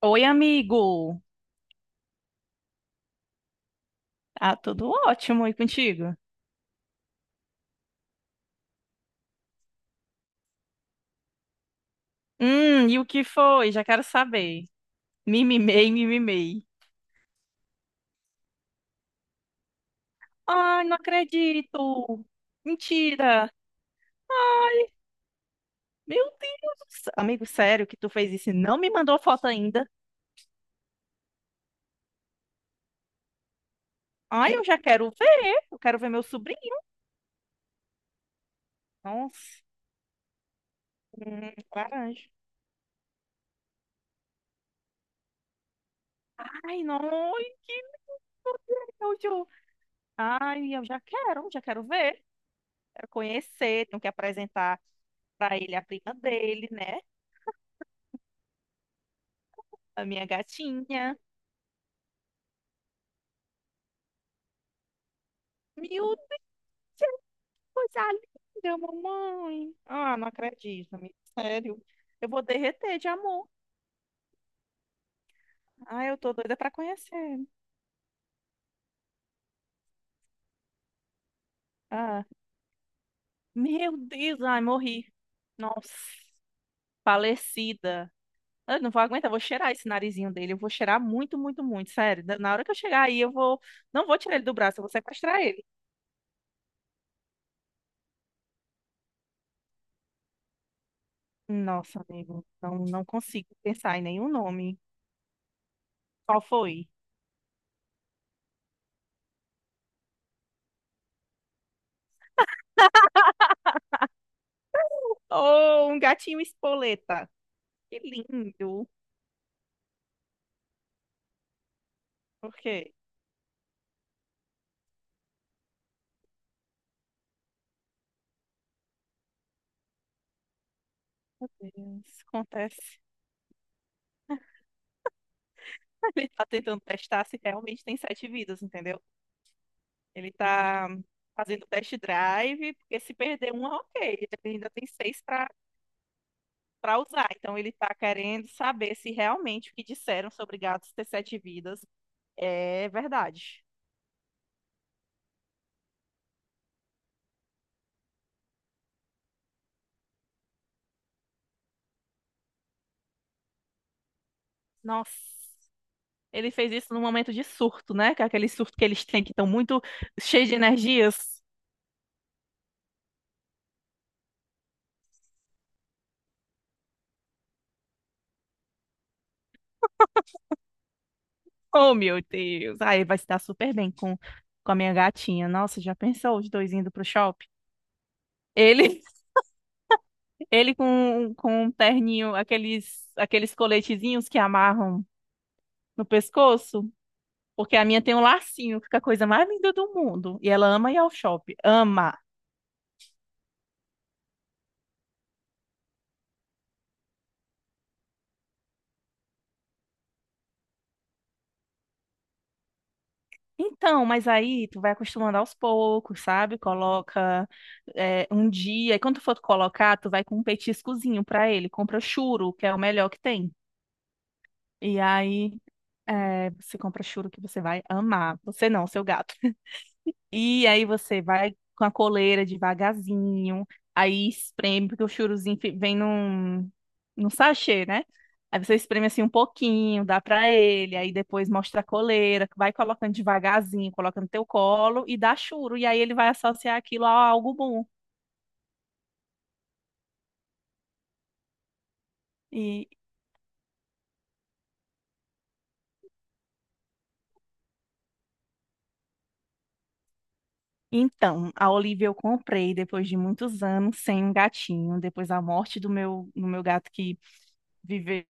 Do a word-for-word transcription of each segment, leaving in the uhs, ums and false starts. Oi, amigo. Ah, tudo ótimo. E contigo? Hum, e o que foi? Já quero saber. Mimimei, mimimei. Ai, não acredito. Mentira. Meu Deus. Amigo, sério que tu fez isso e não me mandou foto ainda? Ai, eu já quero ver. Eu quero ver meu sobrinho. Nossa. Hum, laranja. Ai, não. Ai, que nojo. Ai, eu já quero. Já quero ver. Quero conhecer. Tenho que apresentar para ele a prima dele, né? A minha gatinha. Meu Deus, coisa linda, mamãe. Ah, não acredito, amiga. Sério. Eu vou derreter de amor. Ah, eu tô doida pra conhecer. Ah, meu Deus, ai, morri. Nossa, falecida. Eu não vou aguentar, eu vou cheirar esse narizinho dele. Eu vou cheirar muito, muito, muito. Sério, da- na hora que eu chegar aí, eu vou. Não vou tirar ele do braço, eu vou sequestrar ele. Nossa, amigo, não, não consigo pensar em nenhum nome. Qual foi? Oh, um gatinho espoleta. Que lindo. Por quê? Meu Deus, acontece. Ele tá tentando testar se realmente tem sete vidas, entendeu? Ele tá fazendo test drive, porque se perder uma, ok, ele ainda tem seis para para usar. Então ele tá querendo saber se realmente o que disseram sobre gatos ter sete vidas é verdade. Nossa. Ele fez isso num momento de surto, né? Que é aquele surto que eles têm que estão muito cheios de energias. Oh, meu Deus. Aí vai se dar super bem com, com a minha gatinha. Nossa, já pensou os dois indo pro shopping? Ele, ele com, com um terninho, aqueles, aqueles coletezinhos que amarram no pescoço, porque a minha tem um lacinho, fica a coisa mais linda do mundo. E ela ama ir ao shopping, ama. Então, mas aí tu vai acostumando aos poucos, sabe? Coloca é, um dia, e quando tu for colocar, tu vai com um petiscozinho pra ele. Compra churo, que é o melhor que tem. E aí é, você compra churo que você vai amar. Você não, seu gato. E aí você vai com a coleira devagarzinho, aí espreme, porque o churuzinho fi- vem num, num sachê, né? Aí você espreme assim um pouquinho, dá pra ele, aí depois mostra a coleira, vai colocando devagarzinho, coloca no teu colo e dá churo, e aí ele vai associar aquilo a algo bom. E então, a Olivia eu comprei depois de muitos anos sem um gatinho, depois da morte do meu, do meu gato que viveu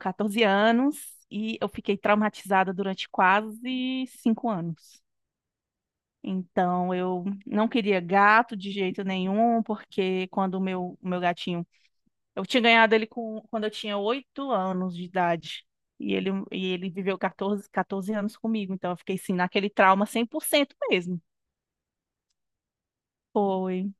quatorze anos e eu fiquei traumatizada durante quase cinco anos. Então, eu não queria gato de jeito nenhum, porque quando o meu, o meu gatinho. Eu tinha ganhado ele com, quando eu tinha oito anos de idade. E ele, e ele viveu quatorze quatorze anos comigo. Então, eu fiquei assim, naquele trauma cem por cento mesmo. Foi.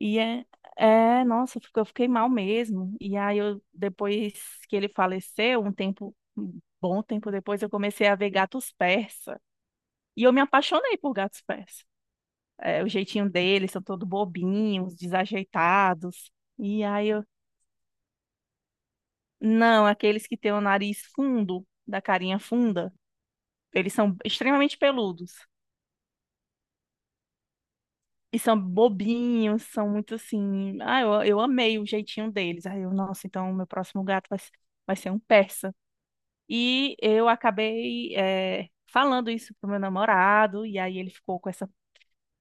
E é, é, nossa, eu fico- eu fiquei mal mesmo. E aí eu, depois que ele faleceu, um tempo, um bom tempo depois, eu comecei a ver gatos persa. E eu me apaixonei por gatos persa. É, o jeitinho deles, são todos bobinhos, desajeitados. E aí eu, não, aqueles que têm o nariz fundo, da carinha funda, eles são extremamente peludos. E são bobinhos, são muito assim. Ah, eu, eu amei o jeitinho deles. Aí eu, nossa, então meu próximo gato vai, ser- vai ser um persa. E eu acabei eh, falando isso pro meu namorado, e aí ele ficou com essa,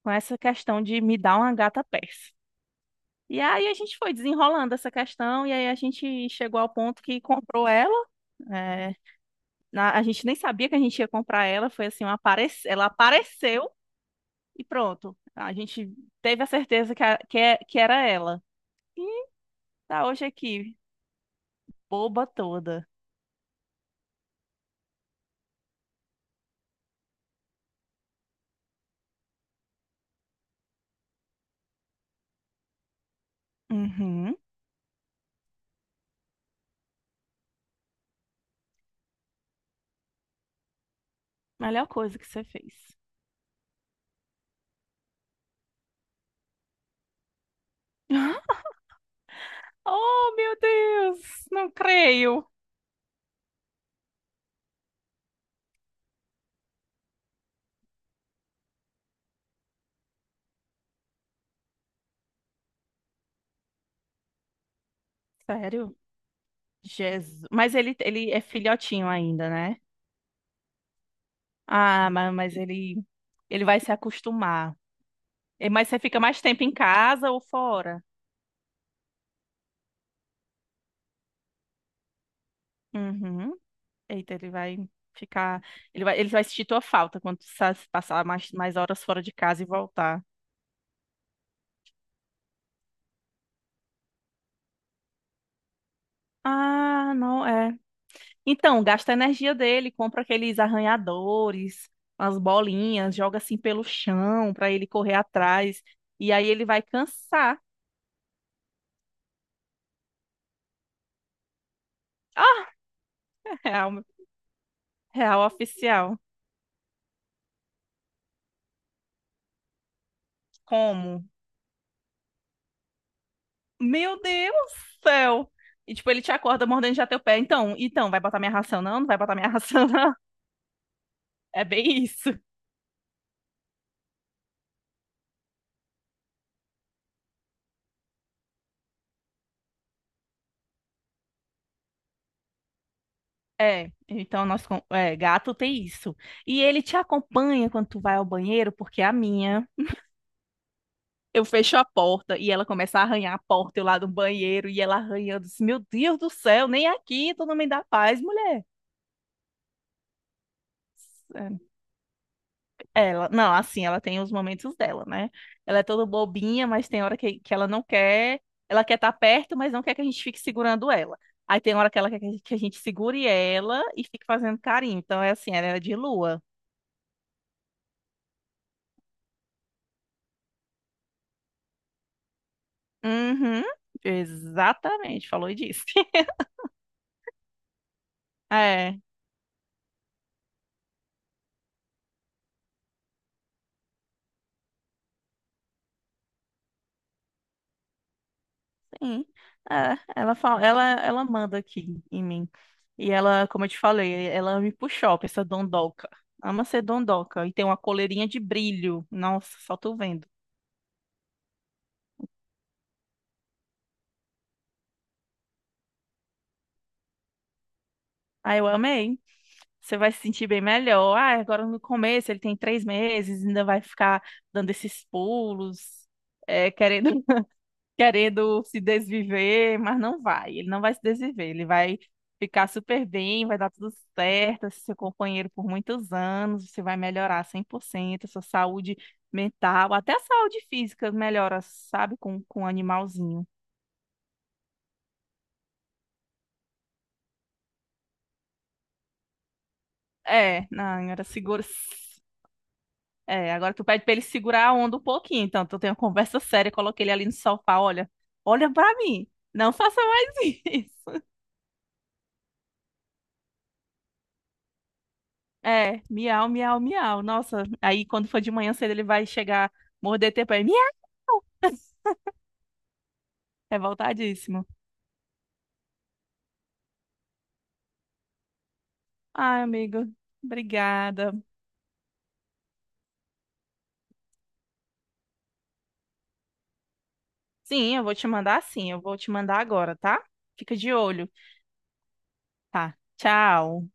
com essa questão de me dar uma gata persa. E aí a gente foi desenrolando essa questão, e aí a gente chegou ao ponto que comprou ela. eh, na- a gente nem sabia que a gente ia comprar ela, foi assim, uma apare- ela apareceu e pronto. A gente teve a certeza que, a- que, é- que era ela. E tá hoje aqui, boba toda. Uhum, melhor coisa que você fez. Oh, meu Deus! Não creio. Sério? Jesus. Mas ele, ele é filhotinho ainda, né? Ah, mas, mas ele, ele vai se acostumar. É, mas você fica mais tempo em casa ou fora? Uhum. Eita, ele vai ficar. Ele vai, ele vai sentir tua falta quando tu sa- passar mais, mais horas fora de casa e voltar. Ah, não, é. Então, gasta a energia dele, compra aqueles arranhadores, as bolinhas, joga assim pelo chão pra ele correr atrás. E aí ele vai cansar. Ah, real, real oficial. Como? Meu Deus do céu! E tipo, ele te acorda mordendo já teu pé. Então, então, vai botar minha ração não? Não vai botar minha ração não? É bem isso. É, então nós, com- é, gato tem isso. E ele te acompanha quando tu vai ao banheiro, porque a minha eu fecho a porta e ela começa a arranhar a porta, eu lá do banheiro, e ela arranhando. Assim, meu Deus do céu, nem aqui tu não me dá paz, mulher. Ela, não, assim, ela tem os momentos dela, né? Ela é toda bobinha, mas tem hora que, que ela não quer, ela quer estar perto, mas não quer que a gente fique segurando ela. Aí tem hora que ela quer que a gente que a gente segure ela e fique fazendo carinho. Então é assim, ela é de lua. Uhum, exatamente, falou e disse. É. Sim. É, ela fala, ela, ela manda aqui em mim. E ela, como eu te falei, ela me puxou pra essa dondoca. Ama ser dondoca. E tem uma coleirinha de brilho. Nossa, só tô vendo. Ah, eu amei. Você vai se sentir bem melhor. Ah, agora no começo ele tem três meses, ainda vai ficar dando esses pulos, é, querendo querendo se desviver, mas não vai. Ele não vai se desviver, ele vai ficar super bem, vai dar tudo certo, esse seu companheiro por muitos anos, você vai melhorar cem por cento, a sua saúde mental, até a saúde física melhora, sabe, com com o animalzinho. É, não, era seguro. É, agora tu pede pra ele segurar a onda um pouquinho, então tu tem uma conversa séria, coloquei ele ali no sofá, olha, olha pra mim, não faça mais isso. É, miau, miau, miau. Nossa, aí quando for de manhã cedo ele vai chegar, morder teu pé. Miau! Revoltadíssimo. Ai, amigo, obrigada. Sim, eu vou te mandar sim, eu vou te mandar agora, tá? Fica de olho. Tá, tchau.